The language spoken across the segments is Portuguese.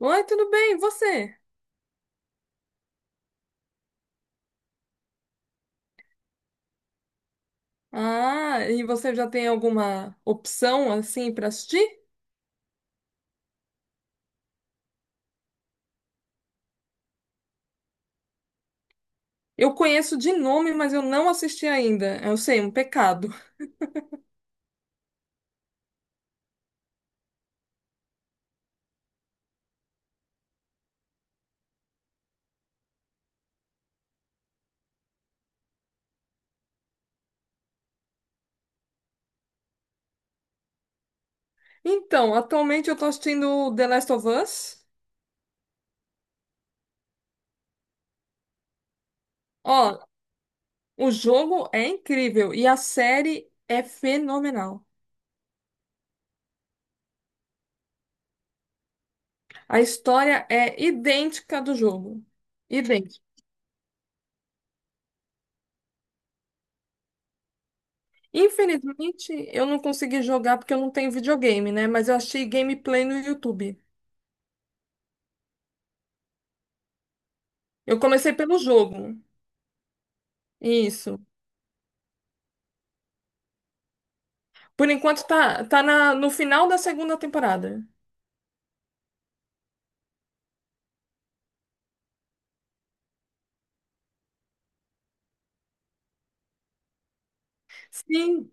Oi, tudo bem? E você? Ah, e você já tem alguma opção assim para assistir? Eu conheço de nome, mas eu não assisti ainda. Eu sei, um pecado. Então, atualmente eu tô assistindo The Last of Us. Ó, o jogo é incrível e a série é fenomenal. A história é idêntica do jogo. Idêntica. Infelizmente, eu não consegui jogar porque eu não tenho videogame, né? Mas eu achei gameplay no YouTube. Eu comecei pelo jogo. Isso. Por enquanto tá no final da segunda temporada. Sim.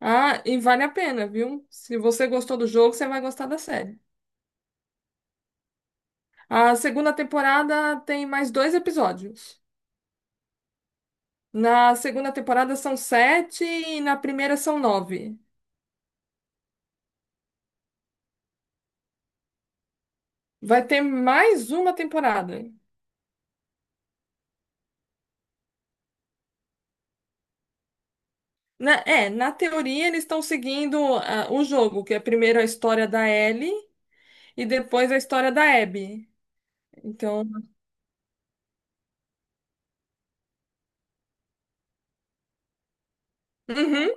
Ah, e vale a pena, viu? Se você gostou do jogo, você vai gostar da série. A segunda temporada tem mais dois episódios. Na segunda temporada são sete e na primeira são nove. Vai ter mais uma temporada. Na teoria eles estão seguindo o jogo, que é primeiro a história da Ellie e depois a história da Abby. Então, uhum.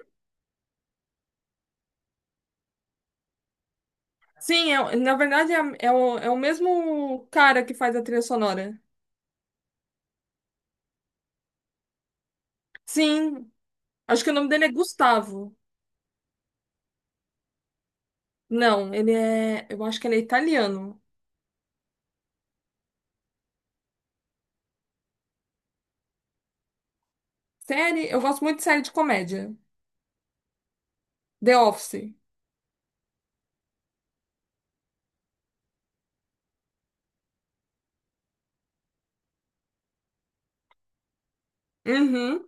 Sim, na verdade é o mesmo cara que faz a trilha sonora. Sim, acho que o nome dele é Gustavo. Não, ele é. Eu acho que ele é italiano. Série, eu gosto muito de série de comédia. The Office. Uhum.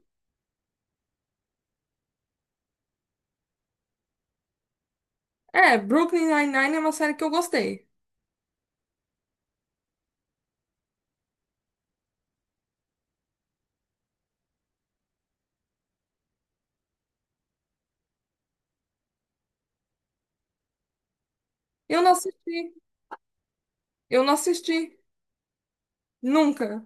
É, Brooklyn Nine-Nine é uma série que eu gostei. Eu não assisti. Eu não assisti. Nunca.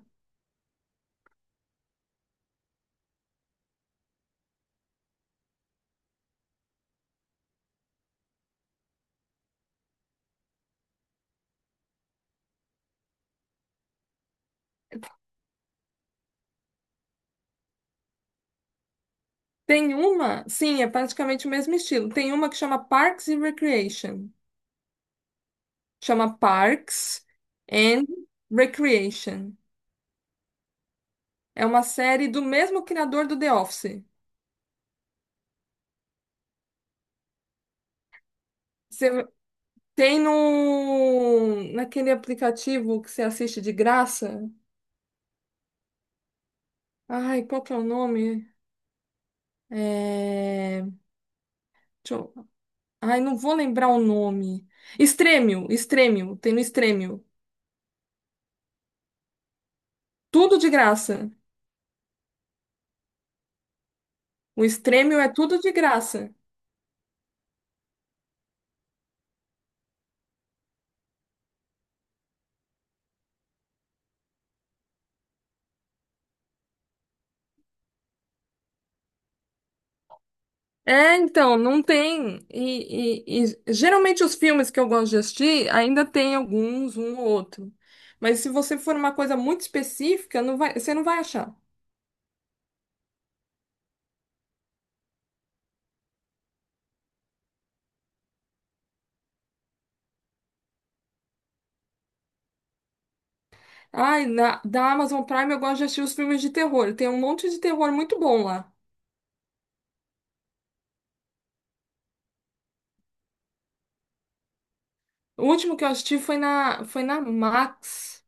Tem uma, sim, é praticamente o mesmo estilo. Tem uma que chama Parks and Recreation. Chama Parks and Recreation. É uma série do mesmo criador do The Office. Você tem no naquele aplicativo que você assiste de graça. Ai, qual que é o nome? É... deixa eu- Ai, não vou lembrar o nome. Stremio, tem no Stremio. Tudo de graça. O Stremio é tudo de graça. É, então, não tem. E geralmente os filmes que eu gosto de assistir ainda tem alguns, um ou outro. Mas se você for uma coisa muito específica, não vai, você não vai achar. Ai, da Amazon Prime eu gosto de assistir os filmes de terror. Tem um monte de terror muito bom lá. O último que eu assisti foi na Max.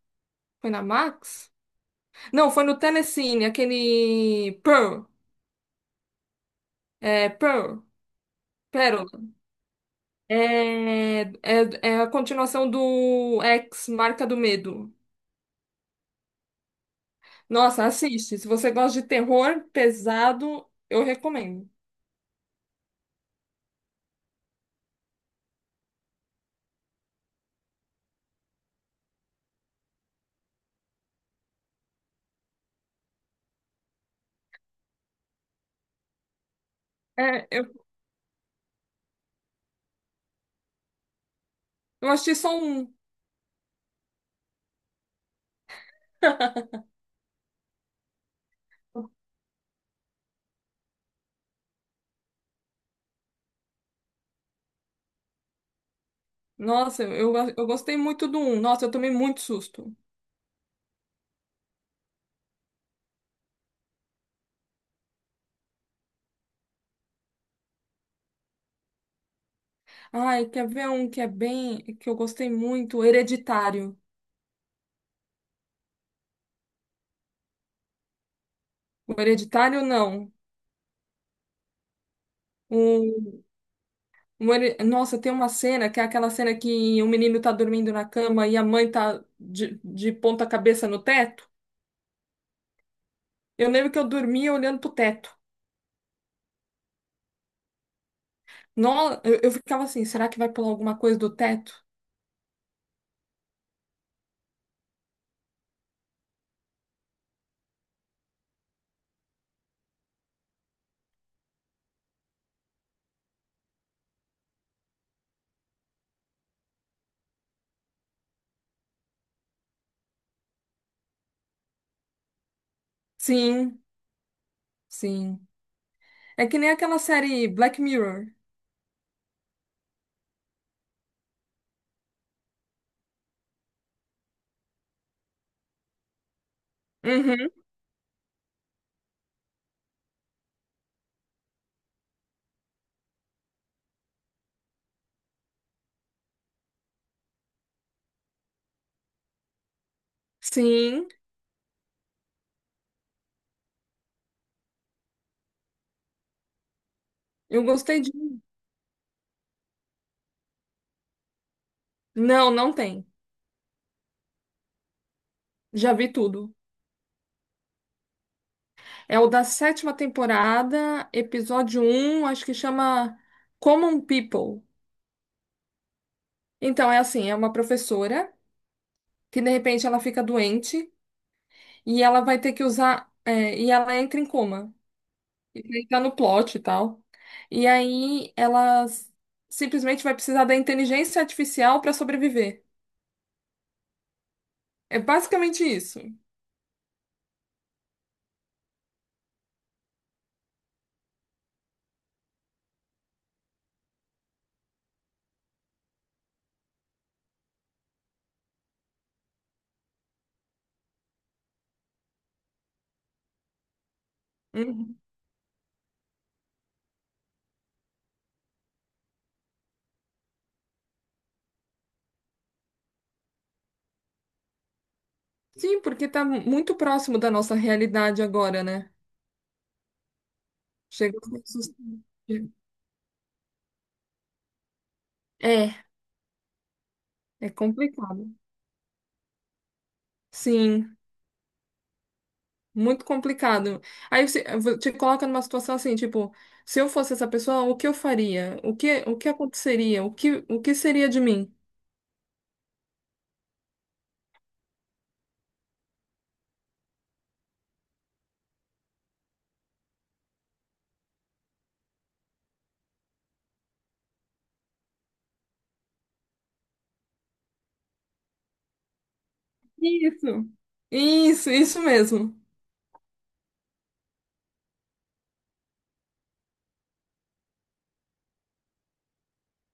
Foi na Max? Não, foi no Telecine, aquele Pearl. É, Pearl. Pérola. É, é, é a continuação do X, Marca do Medo. Nossa, assiste. Se você gosta de terror pesado, eu recomendo. É, eu assisti só um. Nossa, eu gostei muito do um. Nossa, eu tomei muito susto. Ai, quer ver um que é bem, que eu gostei muito? O Hereditário. O Hereditário, não. O, Nossa, tem uma cena que é aquela cena que o menino tá dormindo na cama e a mãe tá de ponta cabeça no teto. Eu lembro que eu dormia olhando pro teto. Não, eu ficava assim, será que vai pular alguma coisa do teto? Sim, sim. É que nem aquela série Black Mirror. Uhum. Sim, eu gostei de. Não, não tem. Já vi tudo. É o da sétima temporada, episódio um acho que chama Common People. Então, é assim, é uma professora que de repente ela fica doente e ela vai ter que usar. E ela entra em coma. E aí tá no plot e tal. E aí simplesmente vai precisar da inteligência artificial para sobreviver. É basicamente isso. Uhum. Sim, porque muito próximo da nossa realidade agora, né? Chega a ser assustador. É, é complicado. Sim, muito complicado. Aí te coloca numa situação assim, tipo, se eu fosse essa pessoa, o que eu faria? O que aconteceria? O que seria de mim? Isso, isso mesmo.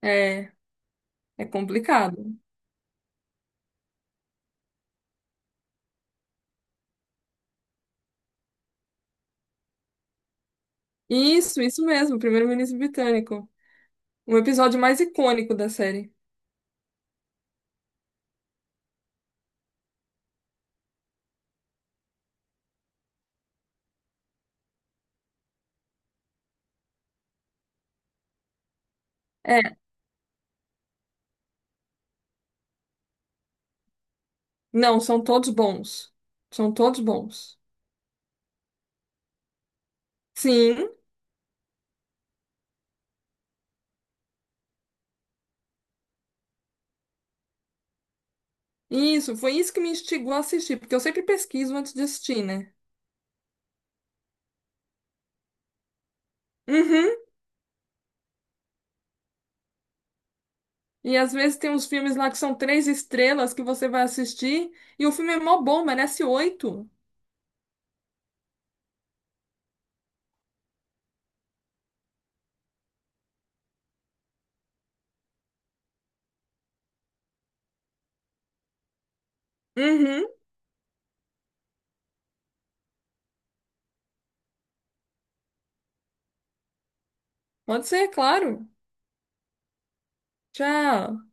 É, é complicado. Isso mesmo, Primeiro-Ministro Britânico. Um episódio mais icônico da série. É, não, são todos bons. São todos bons. Sim, isso, foi isso que me instigou a assistir, porque eu sempre pesquiso antes de assistir, né? Uhum. E às vezes tem uns filmes lá que são três estrelas que você vai assistir e o filme é mó bom, merece oito. Uhum. Pode ser, claro. Tchau.